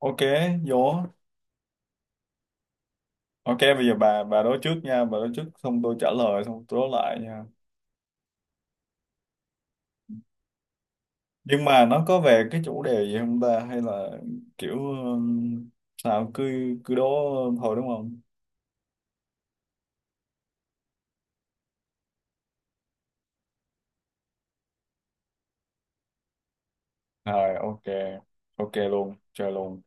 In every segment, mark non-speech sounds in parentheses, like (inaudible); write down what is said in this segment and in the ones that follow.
OK. Vô. OK, bây giờ bà đối trước nha, bà đối trước, xong tôi trả lời, xong tôi đối lại nha. Nhưng mà nó có về cái chủ đề gì không ta, hay là kiểu sao cứ cứ đố thôi đúng không? Rồi, OK. OK luôn, chơi luôn.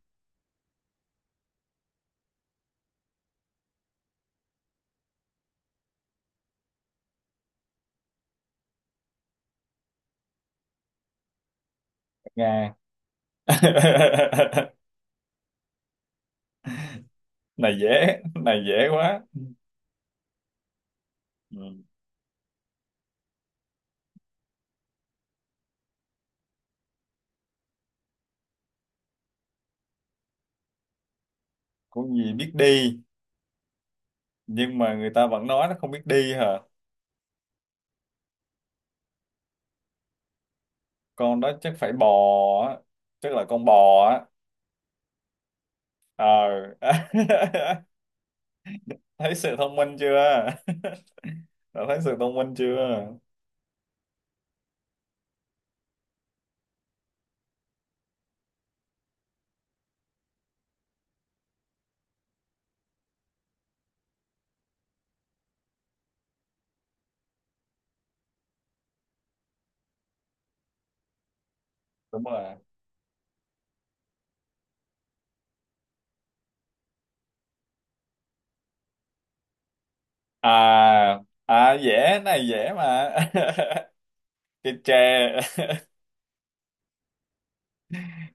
Nga. (laughs) Này dễ, này dễ quá. Ừ. Con gì biết đi nhưng mà người ta vẫn nói nó không biết đi hả? Con đó chắc phải bò á, chắc là con bò á. Ờ. (laughs) Thấy sự thông minh chưa? (laughs) Đã thấy sự thông minh chưa? Đúng rồi. À, à dễ, này dễ mà. (laughs) Cái tre. (laughs)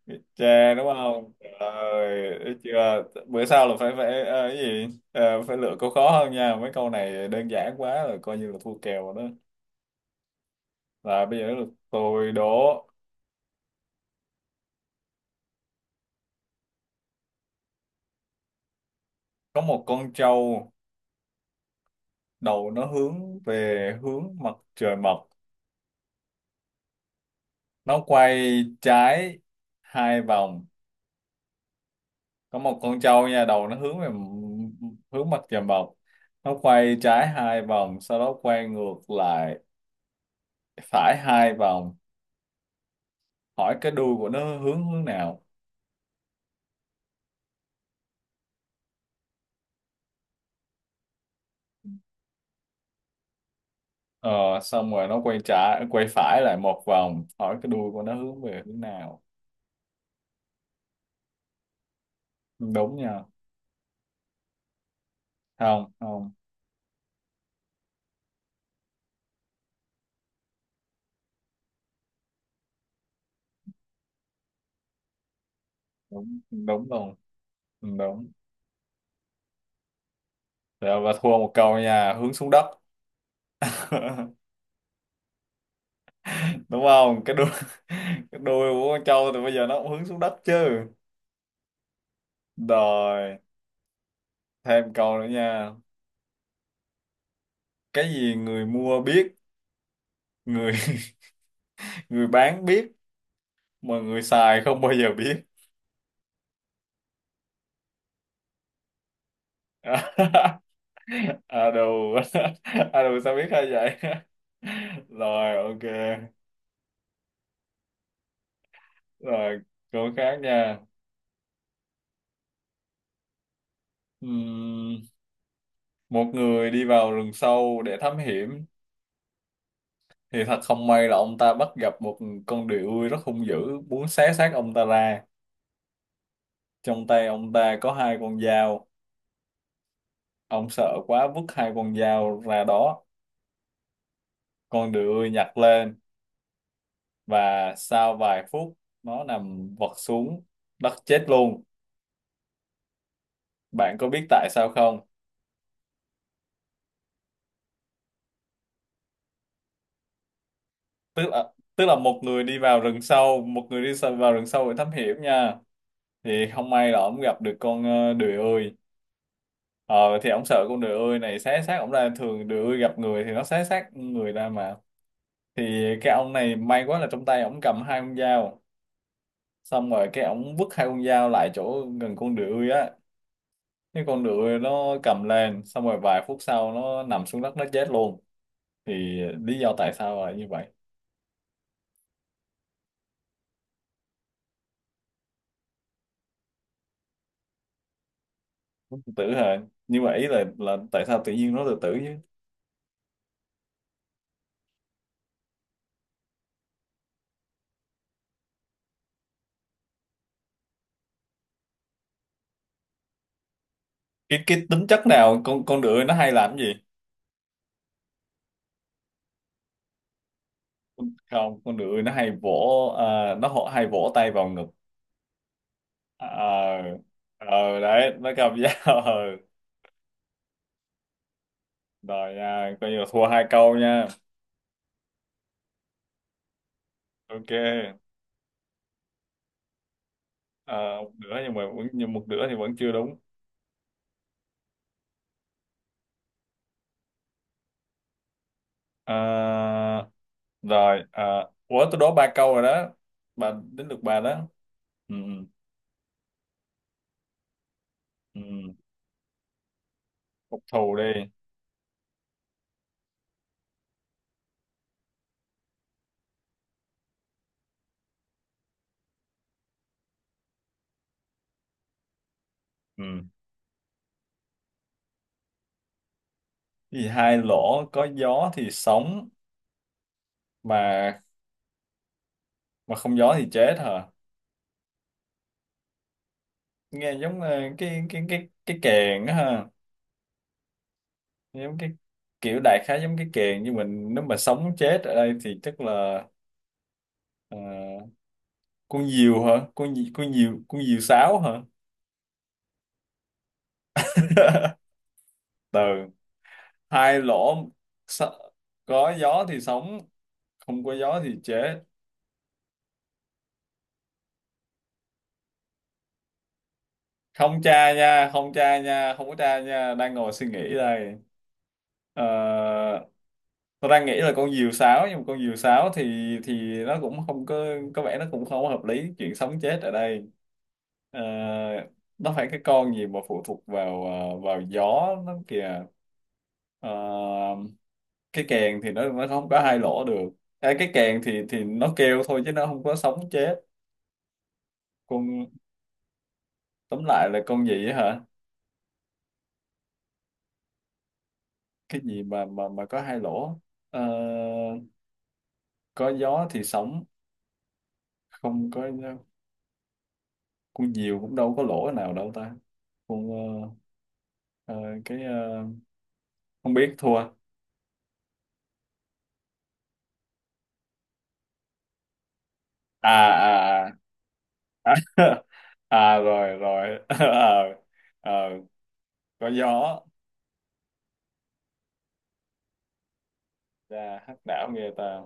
Cái tre đúng không? Rồi, thấy chưa, bữa sau là phải phải cái gì. Ờ, phải lựa câu khó hơn nha, mấy câu này đơn giản quá rồi, coi như là thua kèo rồi đó. Là bây giờ là tôi đố. Có một con trâu, đầu nó hướng về hướng mặt trời mọc, nó quay trái hai vòng. Có một con trâu nha, đầu nó hướng về hướng mặt trời mọc, nó quay trái hai vòng, sau đó quay ngược lại phải hai vòng, hỏi cái đuôi của nó hướng hướng nào. ờ, xong rồi nó quay trái quay phải lại một vòng, hỏi cái đuôi của nó hướng về hướng nào. Đúng nha. Không, không. Đúng, đúng luôn. Ừ, đúng rồi. Và thua một câu nha, hướng xuống đất. (laughs) Đúng không, cái đuôi. (laughs) Cái đuôi của con trâu thì bây giờ nó cũng hướng xuống đất chứ. Rồi, thêm câu nữa nha. Cái gì người mua biết, người (laughs) người bán biết, mà người xài không bao giờ biết. (laughs) À đồ. (laughs) À đồ, sao biết hay vậy. (laughs) Rồi OK. Rồi, câu khác nha. Ừm, một người đi vào rừng sâu để thám hiểm, thì thật không may là ông ta bắt gặp một con đười ươi rất hung dữ muốn xé xác ông ta ra. Trong tay ông ta có hai con dao. Ông sợ quá vứt hai con dao ra đó. Con đười nhặt lên, và sau vài phút nó nằm vật xuống đất chết luôn. Bạn có biết tại sao không? Tức là, tức là một người đi vào rừng sâu, một người vào rừng sâu để thám hiểm nha. Thì không may là ổng gặp được con đười ươi. Ờ thì ổng sợ con đười ươi này xé xác ổng ra, thường đười ươi gặp người thì nó xé xác người ra mà. Thì cái ông này may quá là trong tay ổng cầm hai con dao. Xong rồi cái ổng vứt hai con dao lại chỗ gần con đười ươi á. Cái con ngựa nó cầm lên, xong rồi vài phút sau nó nằm xuống đất nó chết luôn. Thì lý do tại sao là như vậy. Tử hả? Nhưng mà ý là tại sao tự nhiên nó tự tử chứ. Cái tính chất nào con ngựa nó hay làm cái gì. Không, con ngựa nó hay vỗ nó hay vỗ tay vào ngực. À, ờ. Ờ đấy, nó cầm dao. (laughs) Ờ. Rồi nha, coi như là thua hai câu nha. OK. Ờ, một nửa nhưng mà vẫn, nhưng một nửa thì vẫn chưa đúng. Ờ, rồi ủa, tôi đố ba câu rồi đó, bà đến được bà đó. Ừ, ừ, ừ. Phục thù đi. Ừ. Cái hai lỗ, có gió thì sống mà không gió thì chết hả? Nghe giống cái kèn á ha, giống cái kiểu, đại khái giống cái kèn, nhưng mình nếu mà sống chết ở đây thì chắc là ờ, con diều hả? Con diều, con diều sáo hả? (laughs) Từ hai lỗ, s- có gió thì sống, không có gió thì chết. Không tra nha, không tra nha, không có tra nha, đang ngồi suy nghĩ đây. Ờ, tôi đang nghĩ là con diều sáo, nhưng mà con diều sáo thì nó cũng không có, có vẻ nó cũng không có hợp lý chuyện sống chết ở đây. Ờ, nó phải cái con gì mà phụ thuộc vào vào gió nó kìa. Ờ, cái kèn thì nó không có hai lỗ được. À, cái kèn thì nó kêu thôi chứ nó không có sống chết. Con, tóm lại là con gì á hả? Cái gì mà mà có hai lỗ. Ờ, có gió thì sóng, không có. Con diều cũng đâu có lỗ nào đâu ta. Con ờ, ờ, cái không biết, thua à? À, à, (laughs) à, à rồi rồi. (laughs) Ờ, ờ, có gió. Ra hắc đảo nghe ta.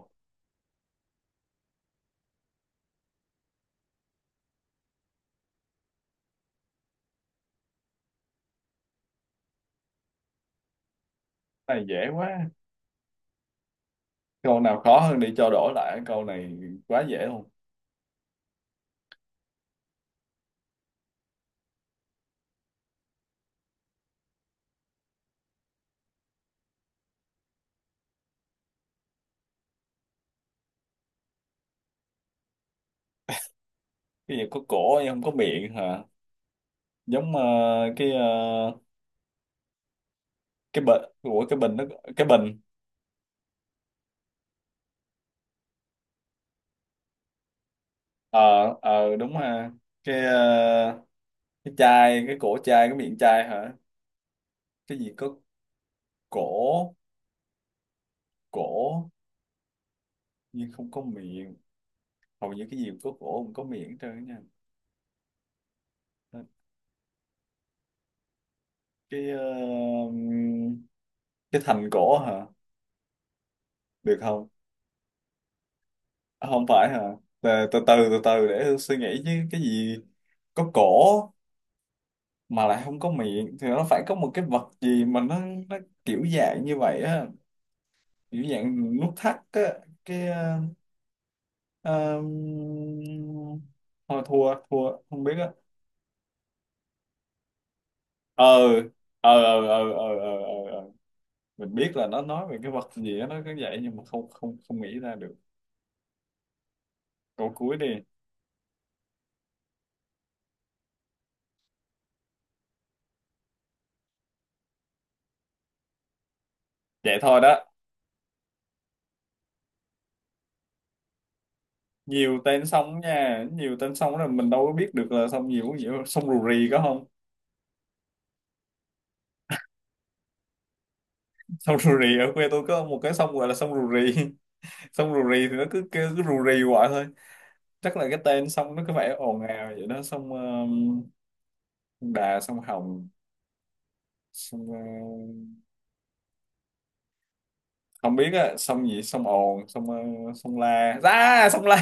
Cái này dễ quá, câu nào khó hơn đi cho đổi lại câu này, quá dễ luôn. Cái gì có cổ nhưng không có miệng hả? Giống cái cái bình, của cái bình nó, cái bình. Ờ, ờ đúng ha. Cái cái chai, cái cổ chai, cái miệng chai hả? Cái gì có cổ cổ nhưng không có miệng. Hầu như cái gì có cổ không có miệng hết trơn á nha. Cái cái thành cổ hả, được không? À, không phải hả? Từ từ từ từ từ để Hương suy nghĩ chứ. Cái gì có cổ mà lại không có miệng thì nó phải có một cái vật gì mà nó kiểu dạng như vậy á, kiểu dạng nút thắt á. Cái Ờ, thôi thua, thua, không biết á. ờ ờ ờ ờ ờ ờ ờ ờ. Mình biết là nó nói về cái vật gì đó nó cứ vậy nhưng mà không không không nghĩ ra được. Câu cuối đi. Vậy thôi đó. Nhiều tên sông nha, nhiều tên sông là mình đâu có biết được là sông nhiều gì, sông Rù Rì có không? (laughs) Sông Rù Rì, ở quê tôi có một cái sông gọi là sông Rù Rì. (laughs) Sông Rù Rì thì nó cứ kêu cứ rù rì hoài thôi, chắc là cái tên sông nó cứ phải ồn ào vậy đó. Sông sông Đà, sông Hồng, sông ờ, không biết á, sông gì, sông ồn, sông sông la ra, sông La.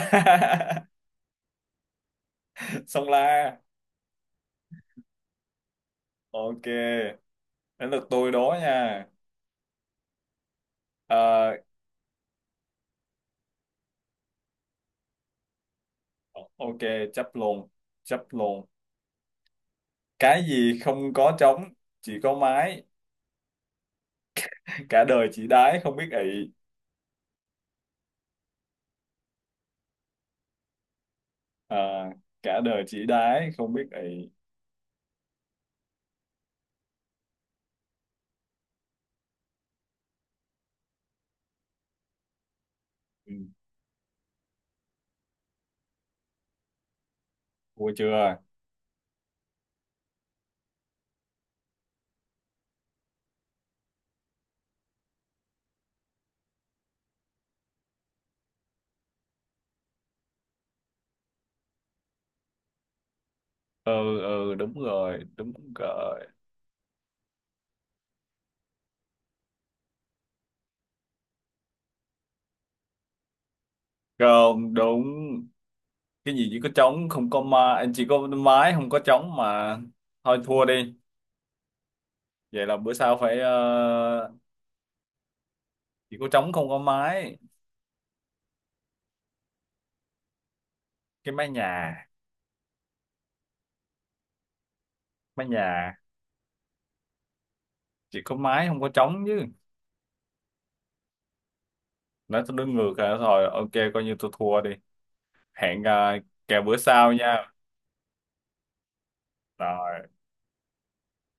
(laughs) Sông La. OK. Đến lượt tôi đố nha. Ờ, OK. Chấp luôn, chấp luôn. Cái gì không có trống, chỉ có mái, cả đời chỉ đái không biết ị. Ờ, cả đời chỉ đái không biết ị. Ừ, thua chưa? Ừ, ừ, đúng rồi, đúng rồi. Không đúng. Cái gì chỉ có trống không có mái, chỉ có mái không có trống mà. Thôi thua đi. Vậy là bữa sau phải chỉ có trống không có mái. Cái mái nhà, mái nhà. Chỉ có mái không có trống chứ. Nói tôi đứng ngược rồi, thôi OK, coi như tôi thua đi. Hẹn kèo bữa sau nha. Đó.